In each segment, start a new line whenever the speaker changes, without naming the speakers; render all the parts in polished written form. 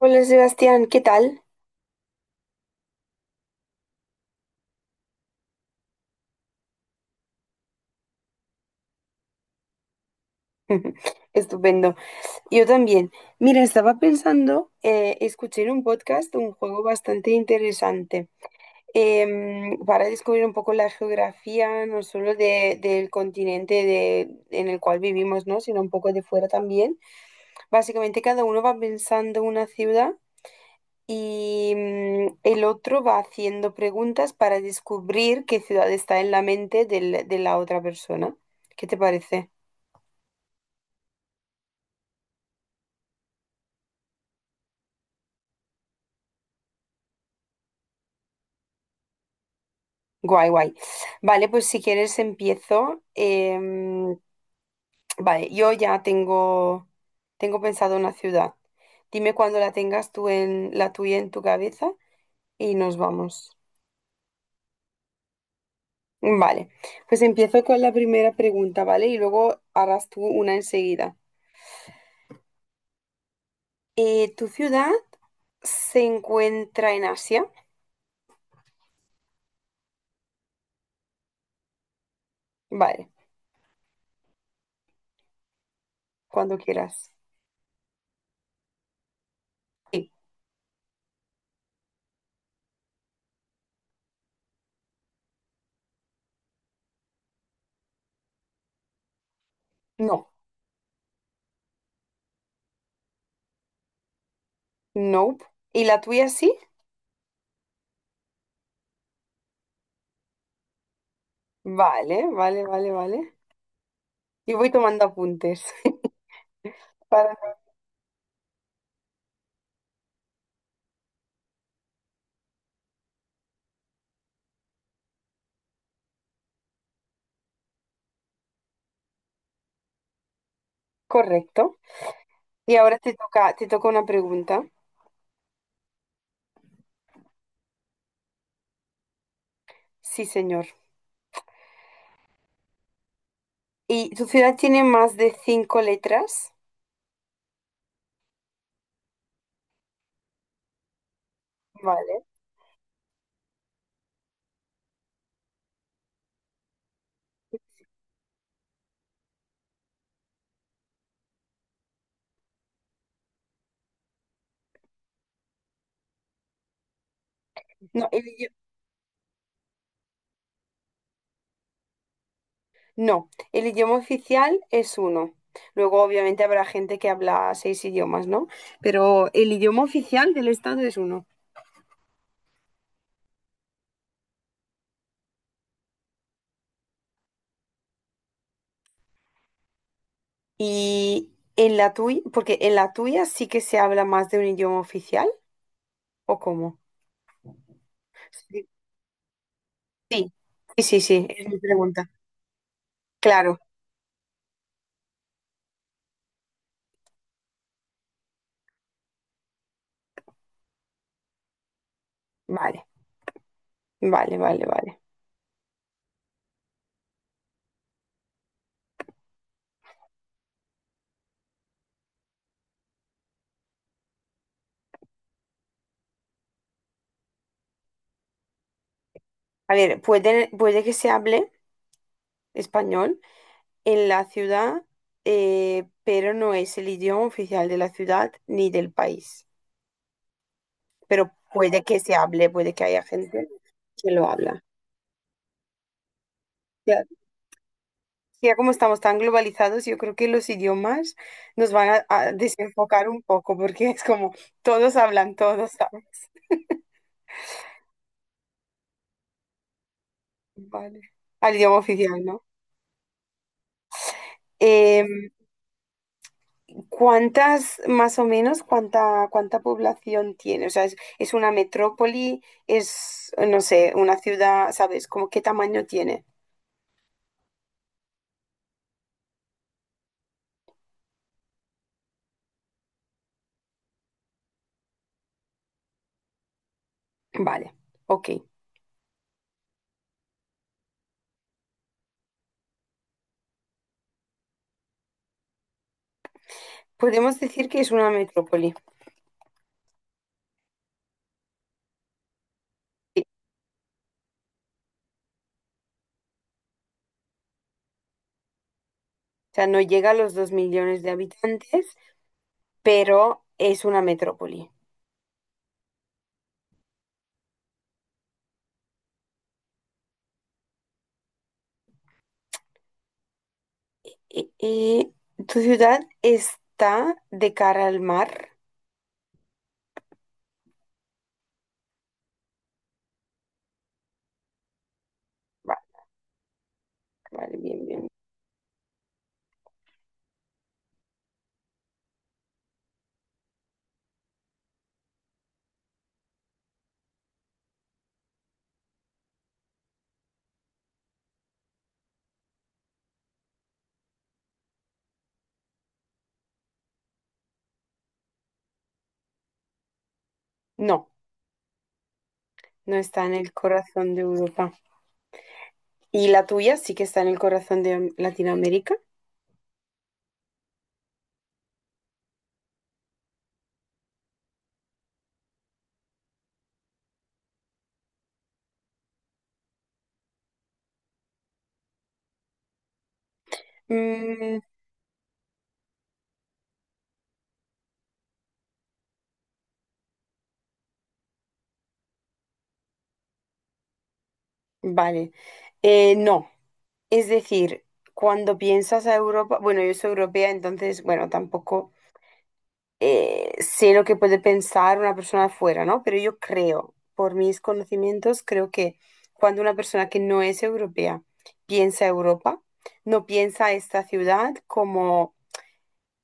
Hola Sebastián, ¿qué tal? Estupendo. Yo también. Mira, estaba pensando, escuché en un podcast un juego bastante interesante para descubrir un poco la geografía, no solo del continente en el cual vivimos, ¿no? Sino un poco de fuera también. Básicamente cada uno va pensando una ciudad y el otro va haciendo preguntas para descubrir qué ciudad está en la mente de la otra persona. ¿Qué te parece? Guay, guay. Vale, pues si quieres empiezo. Vale, yo ya tengo, tengo pensado una ciudad. Dime cuando la tengas tú en la tuya en tu cabeza y nos vamos. Vale, pues empiezo con la primera pregunta, ¿vale? Y luego harás tú una enseguida. ¿Tu ciudad se encuentra en Asia? Vale, cuando quieras. Sí. No. Nope. ¿Y la tuya sí? Vale, vale, vale, vale. Yo voy tomando apuntes. Para- correcto. Y ahora te toca una pregunta. Sí, señor. ¿Y tu ciudad tiene más de 5 letras? Vale. No, el, idi- no, el idioma oficial es uno. Luego, obviamente, habrá gente que habla seis idiomas, ¿no? Pero el idioma oficial del estado es uno. Y en la tuya, porque en la tuya sí que se habla más de un idioma oficial, ¿o cómo? Sí, sí, sí, sí, sí, es mi pregunta. Claro, vale, vale, vale, vale. A ver, puede, puede que se hable español en la ciudad, pero no es el idioma oficial de la ciudad ni del país. Pero puede que se hable, puede que haya gente que lo habla. Ya, ya como estamos tan globalizados, yo creo que los idiomas nos van a desenfocar un poco, porque es como todos hablan todos, ¿sabes? Vale. Al idioma oficial, ¿no? Em, ¿cuántas, más o menos, cuánta, cuánta población tiene? O sea, es una metrópoli? ¿Es, no sé, una ciudad? ¿Sabes? ¿Como qué tamaño tiene? Vale, ok. Podemos decir que es una metrópoli. Sí. O sea, no llega a los 2 millones de habitantes, pero es una metrópoli. Y tu ciudad está de cara al mar? Vale, vale, bien, bien. No, no está en el corazón de Europa. ¿Y la tuya sí que está en el corazón de Latinoamérica? Mm, vale. No. Es decir, cuando piensas a Europa, bueno, yo soy europea, entonces, bueno, tampoco sé lo que puede pensar una persona de fuera, ¿no? Pero yo creo, por mis conocimientos, creo que cuando una persona que no es europea piensa Europa, no piensa esta ciudad como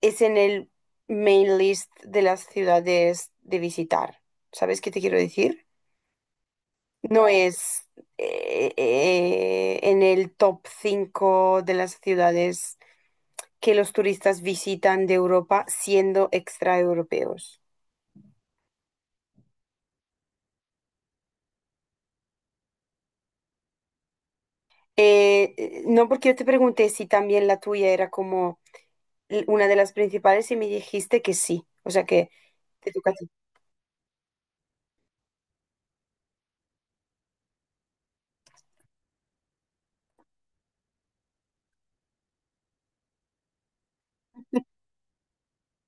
es en el main list de las ciudades de visitar. ¿Sabes qué te quiero decir? No es en el top 5 de las ciudades que los turistas visitan de Europa siendo extraeuropeos. No porque yo te pregunté si también la tuya era como una de las principales y me dijiste que sí, o sea que te toca a ti.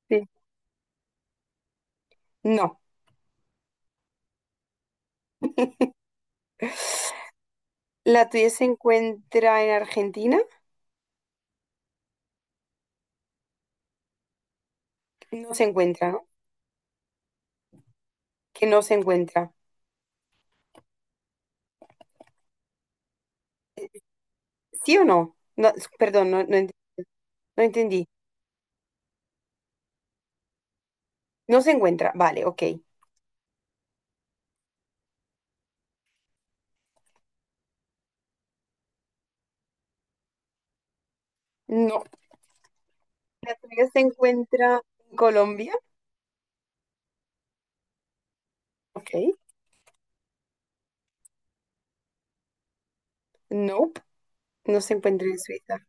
Sí. No. La tuya se encuentra en Argentina. No se encuentra, ¿no? Que no se encuentra. ¿Sí o no? Perdón, no entendí. No se encuentra. Vale, ok. No. ¿La tuya se encuentra en Colombia? Ok. Nope. No se encuentra en Suiza.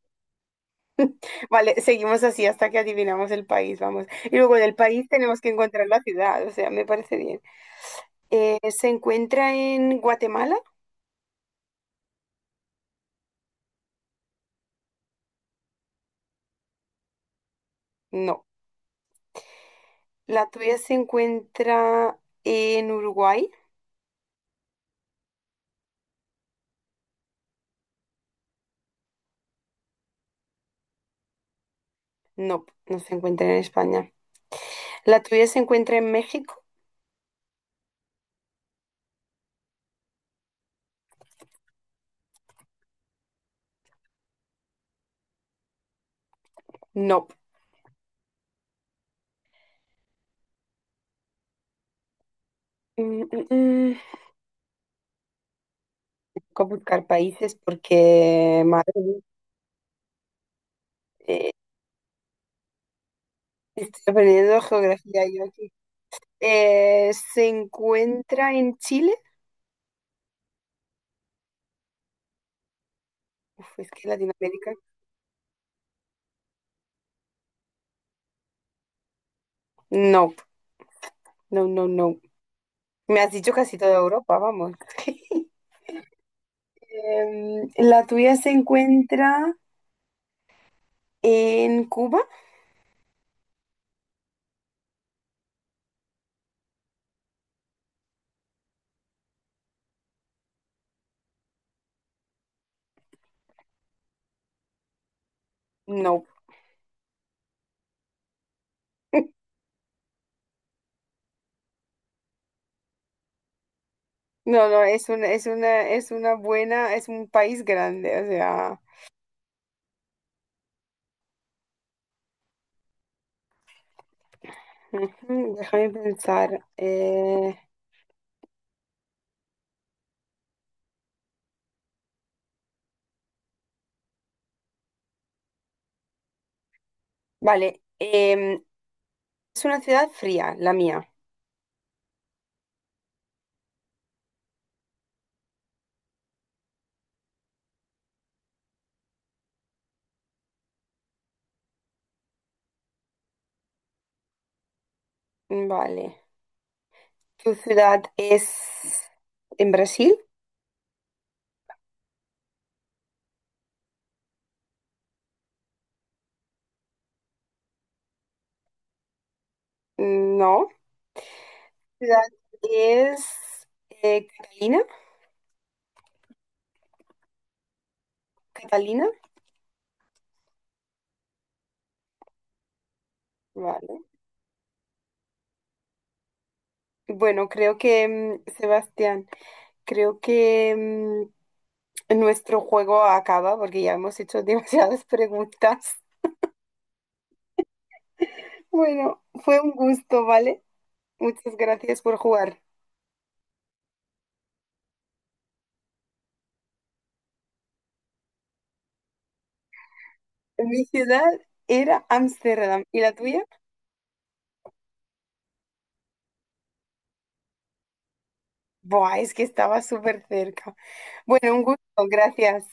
Vale, seguimos así hasta que adivinamos el país, vamos. Y luego del país tenemos que encontrar la ciudad, o sea, me parece bien. ¿Se encuentra en Guatemala? No. ¿La tuya se encuentra en Uruguay? No, no se encuentra en España. ¿La tuya se encuentra en México? No. Mm, mm, mm. Tengo que buscar países porque, madre mía, eh, estoy aprendiendo geografía yo aquí. ¿Se encuentra en Chile? Uf, es que Latinoamérica. No, no, no, no. Me has dicho casi toda Europa, vamos. ¿La tuya se encuentra en Cuba? No. No, no, es una, es una, es una buena, es un país grande, o sea. ujú, déjame pensar. Vale. Es una ciudad fría, la mía. Vale. ¿Tu ciudad es en Brasil? No. Ciudad es Catalina. Catalina. Vale. Bueno, Sebastián, creo que nuestro juego acaba porque ya hemos hecho demasiadas preguntas. Bueno, fue un gusto, ¿vale? Muchas gracias por jugar. Mi ciudad era Ámsterdam. ¿Y la tuya? Buah, es que estaba súper cerca. Bueno, un gusto, gracias.